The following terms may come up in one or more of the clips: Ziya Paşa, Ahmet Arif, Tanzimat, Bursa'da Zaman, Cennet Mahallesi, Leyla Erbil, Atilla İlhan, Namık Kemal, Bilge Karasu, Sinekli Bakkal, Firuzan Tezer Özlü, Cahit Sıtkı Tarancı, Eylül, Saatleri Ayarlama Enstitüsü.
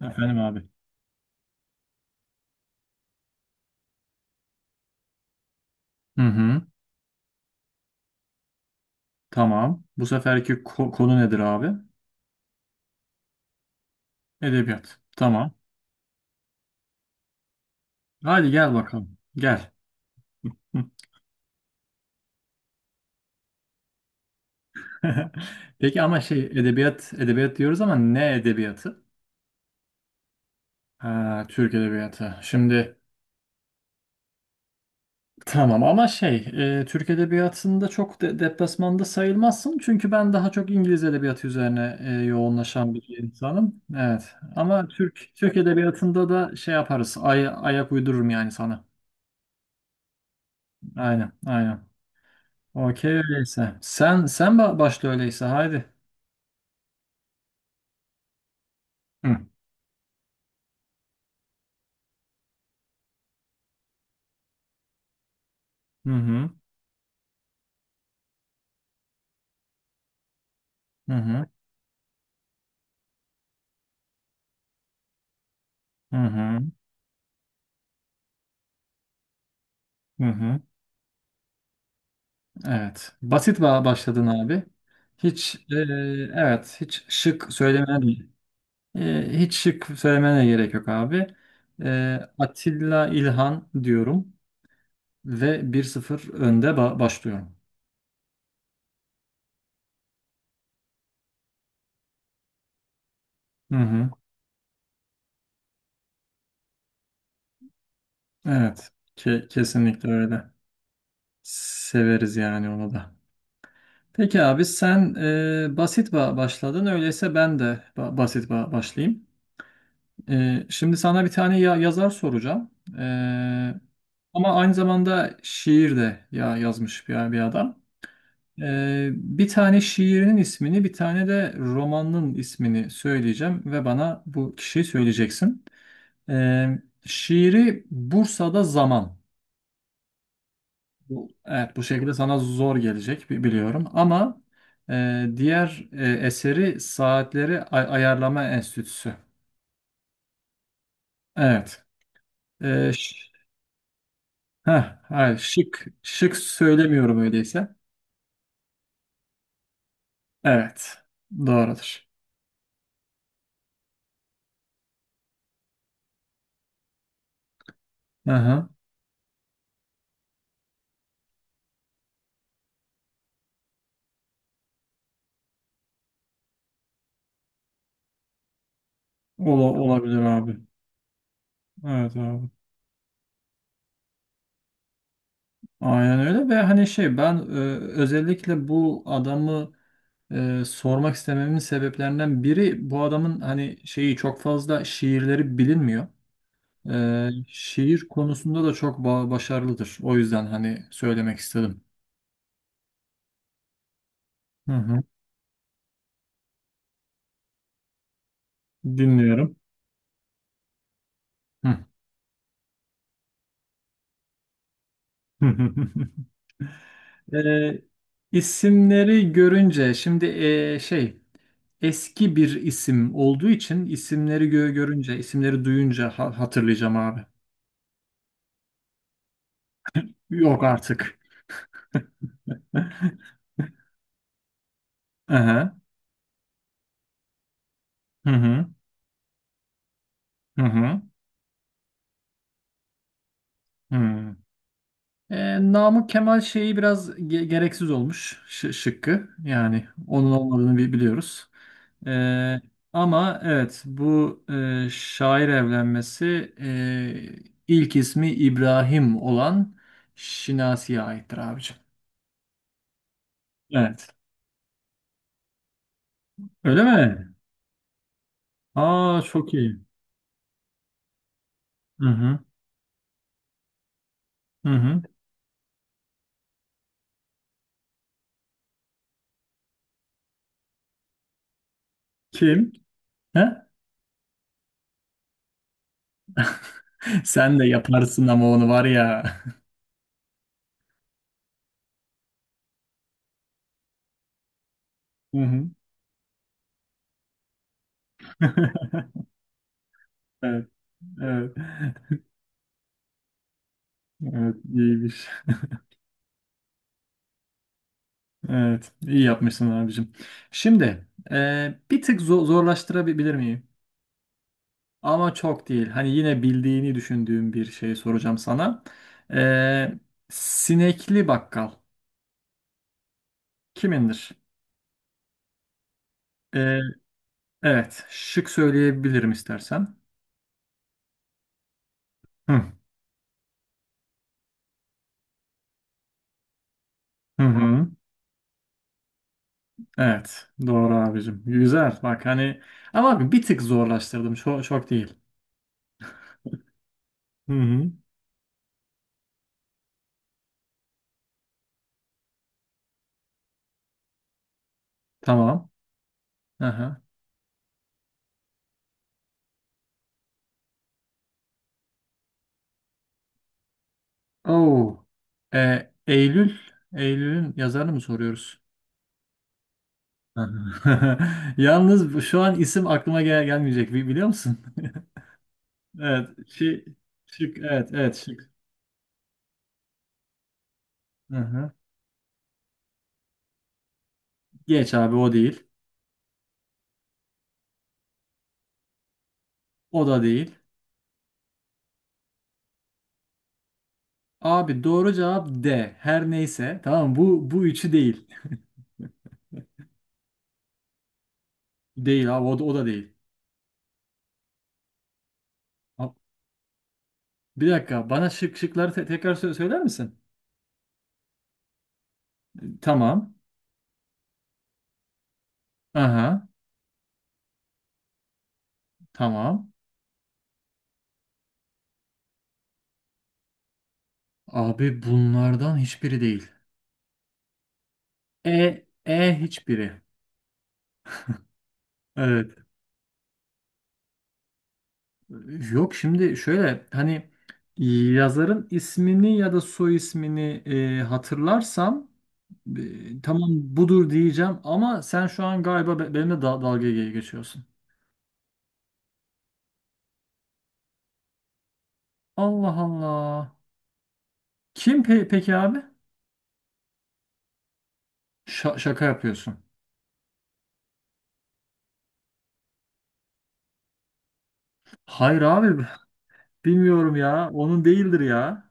Efendim abi. Hı hı. Tamam. Bu seferki konu nedir abi? Edebiyat. Tamam. Hadi gel bakalım. Gel. Hı. Peki ama edebiyat diyoruz ama ne edebiyatı? Ha, Türk edebiyatı. Şimdi tamam ama Türk edebiyatında çok de deplasmanda sayılmazsın. Çünkü ben daha çok İngiliz edebiyatı üzerine yoğunlaşan bir insanım. Evet. Ama Türk edebiyatında da şey yaparız. Ayak uydururum yani sana. Aynen, aynen. Okey öyleyse. Sen başla öyleyse haydi. Hı. Hı hı. Hı hı. Hı hı. Hı hı. Evet. Basit başladın abi. Hiç evet hiç şık hiç şık söylemene gerek yok abi. Atilla İlhan diyorum ve bir sıfır önde başlıyorum. Hı hı. Evet. Kesinlikle öyle. Severiz yani onu da. Peki abi sen basit başladın. Öyleyse ben de basit başlayayım. Şimdi sana bir tane yazar soracağım. E, ama aynı zamanda şiir de yazmış bir adam. Bir tane şiirinin ismini, bir tane de romanının ismini söyleyeceğim ve bana bu kişiyi söyleyeceksin. E, şiiri Bursa'da Zaman. Bu şekilde sana zor gelecek biliyorum ama diğer eseri Saatleri Ayarlama Enstitüsü. Evet. E, ş- heh, hayır, şık söylemiyorum öyleyse. Evet. Doğrudur. Hı hı. Olabilir abi. Evet abi. Aynen öyle ve hani şey ben özellikle bu adamı sormak istememin sebeplerinden biri bu adamın hani şeyi çok fazla şiirleri bilinmiyor. Şiir konusunda da çok başarılıdır. O yüzden hani söylemek istedim. Hı hı. Dinliyorum. Hı. Ee, isimleri görünce şimdi eski bir isim olduğu için isimleri görünce isimleri duyunca hatırlayacağım abi. Yok artık. Aha. Hı hı. Hı hı. Hı. Namık Kemal şeyi biraz gereksiz olmuş şıkkı. Yani onun olmadığını biliyoruz. Ee, ama evet bu şair evlenmesi ilk ismi İbrahim olan Şinasi'ye aittir abicim. Evet. Öyle mi? Aa çok iyi. Hı hı. Hı hı. Kim? He? Sen de yaparsın ama onu var ya. Hı hı. Evet, evet, evet iyiymiş. Evet, iyi yapmışsın abicim. Şimdi bir tık zorlaştırabilir miyim? Ama çok değil. Hani yine bildiğini düşündüğüm bir şey soracağım sana. Ee, sinekli bakkal kimindir? Ee, evet. Şık söyleyebilirim istersen. Hı hı. hı. Evet. Doğru abicim. Güzel. Bak hani ama abi bir tık zorlaştırdım. Çok, çok değil. Hı hı. Tamam. Aha. Oo. Eylül. Eylül'ün yazarını mı soruyoruz? Hı hı. Yalnız şu an isim aklıma gelmeyecek. Biliyor musun? Evet. Şık. Şık. Evet. Evet. Şık. Hı hı. Geç abi o değil. O da değil. Abi doğru cevap D. Her neyse. Tamam mı? bu üçü değil. Değil abi o da değil. Ha, bir dakika bana şıkları tekrar söyler misin? Tamam. Aha. Tamam. Abi bunlardan hiçbiri değil. Hiçbiri. Evet. Yok şimdi şöyle hani yazarın ismini ya da soy ismini hatırlarsam tamam budur diyeceğim ama sen şu an galiba benimle dalga geçiyorsun. Allah Allah. Kim peki abi? Şa- şaka yapıyorsun. Hayır abi bilmiyorum ya. Onun değildir ya.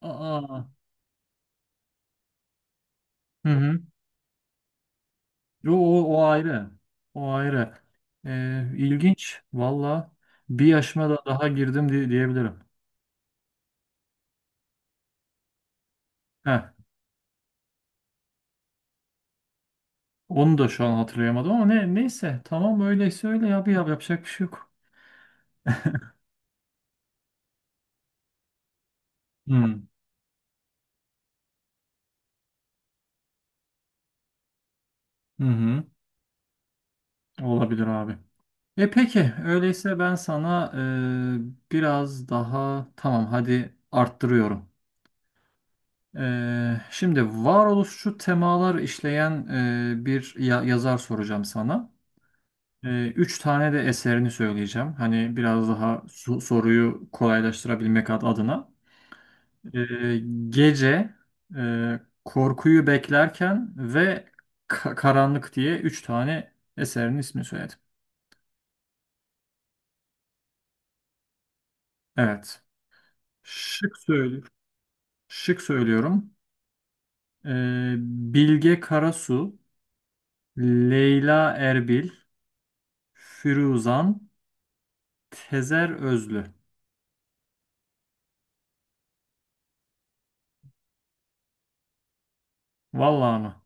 Aa. Hı hı. Yo, o ayrı. O ayrı. İlginç. Valla bir yaşıma da daha girdim diyebilirim. Heh. Onu da şu an hatırlayamadım ama neyse tamam öyleyse öyle ya bir yap yapacak bir şey yok. Hmm. Hı hı. Olabilir abi. E peki öyleyse ben sana biraz daha tamam hadi arttırıyorum. Şimdi varoluşçu temalar işleyen bir yazar soracağım sana. Üç tane de eserini söyleyeceğim. Hani biraz daha soruyu kolaylaştırabilmek adına. Ee, gece korkuyu beklerken ve karanlık diye 3 tane eserinin ismini söyledim. Evet. Şık söylüyorum. Şık söylüyorum. Ee, Bilge Karasu, Leyla Erbil, Firuzan, Tezer Özlü. Vallahi mı?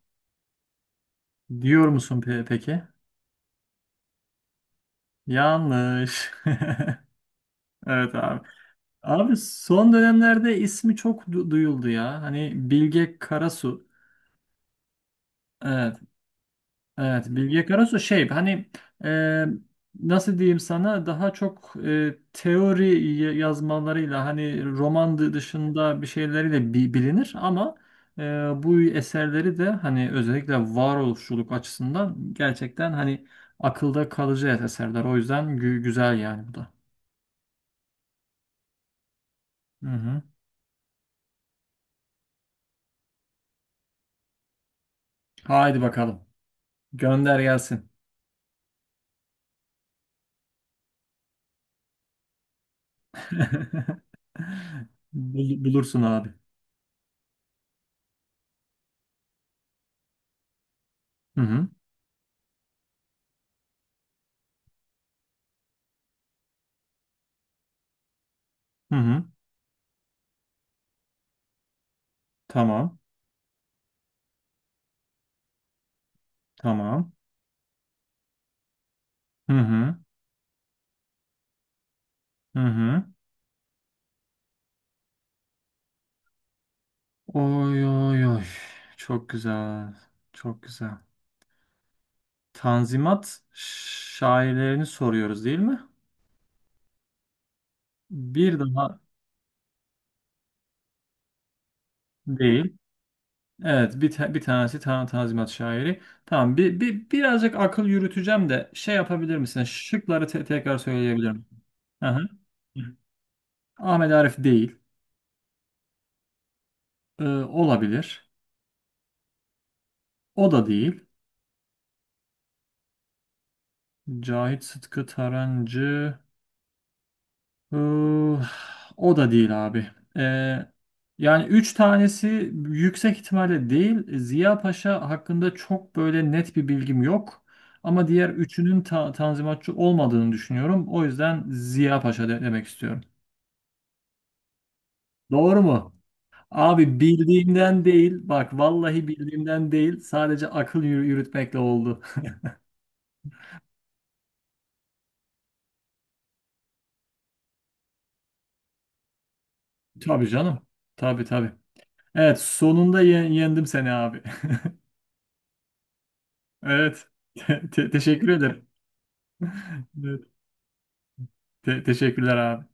Diyor musun peki? Yanlış. Evet abi. Abi son dönemlerde ismi çok duyuldu ya. Hani Bilge Karasu. Evet. Evet, Bilge Karasu şey hani e, nasıl diyeyim sana daha çok teori yazmalarıyla hani roman dışında bir şeyleriyle bilinir ama e, bu eserleri de hani özellikle varoluşçuluk açısından gerçekten hani akılda kalıcı eserler. O yüzden güzel yani bu da. Hı hı. Haydi bakalım. Gönder gelsin. Bulursun abi. Hı hı. Hı hı. Tamam. Tamam. Hı hı. Hı hı. Oy oy oy. Çok güzel. Çok güzel. Tanzimat şairlerini soruyoruz değil mi? Bir daha değil. Evet, bir tanesi Tanzimat şairi. Tamam, birazcık akıl yürüteceğim de şey yapabilir misin? Şıkları tekrar söyleyebilir misin? Hı hı. Ahmet Arif değil. Olabilir. O da değil. Cahit Sıtkı Tarancı Iı, o da değil abi. Ee, yani üç tanesi yüksek ihtimalle değil. Ziya Paşa hakkında çok böyle net bir bilgim yok. Ama diğer üçünün tanzimatçı olmadığını düşünüyorum. O yüzden Ziya Paşa demek istiyorum. Doğru mu? Abi bildiğimden değil. Bak vallahi bildiğimden değil. Sadece akıl yürütmekle oldu. Tabii canım. Tabii tabii. Evet sonunda yendim seni abi. Evet. Teşekkür ederim. Evet. Teşekkürler abi.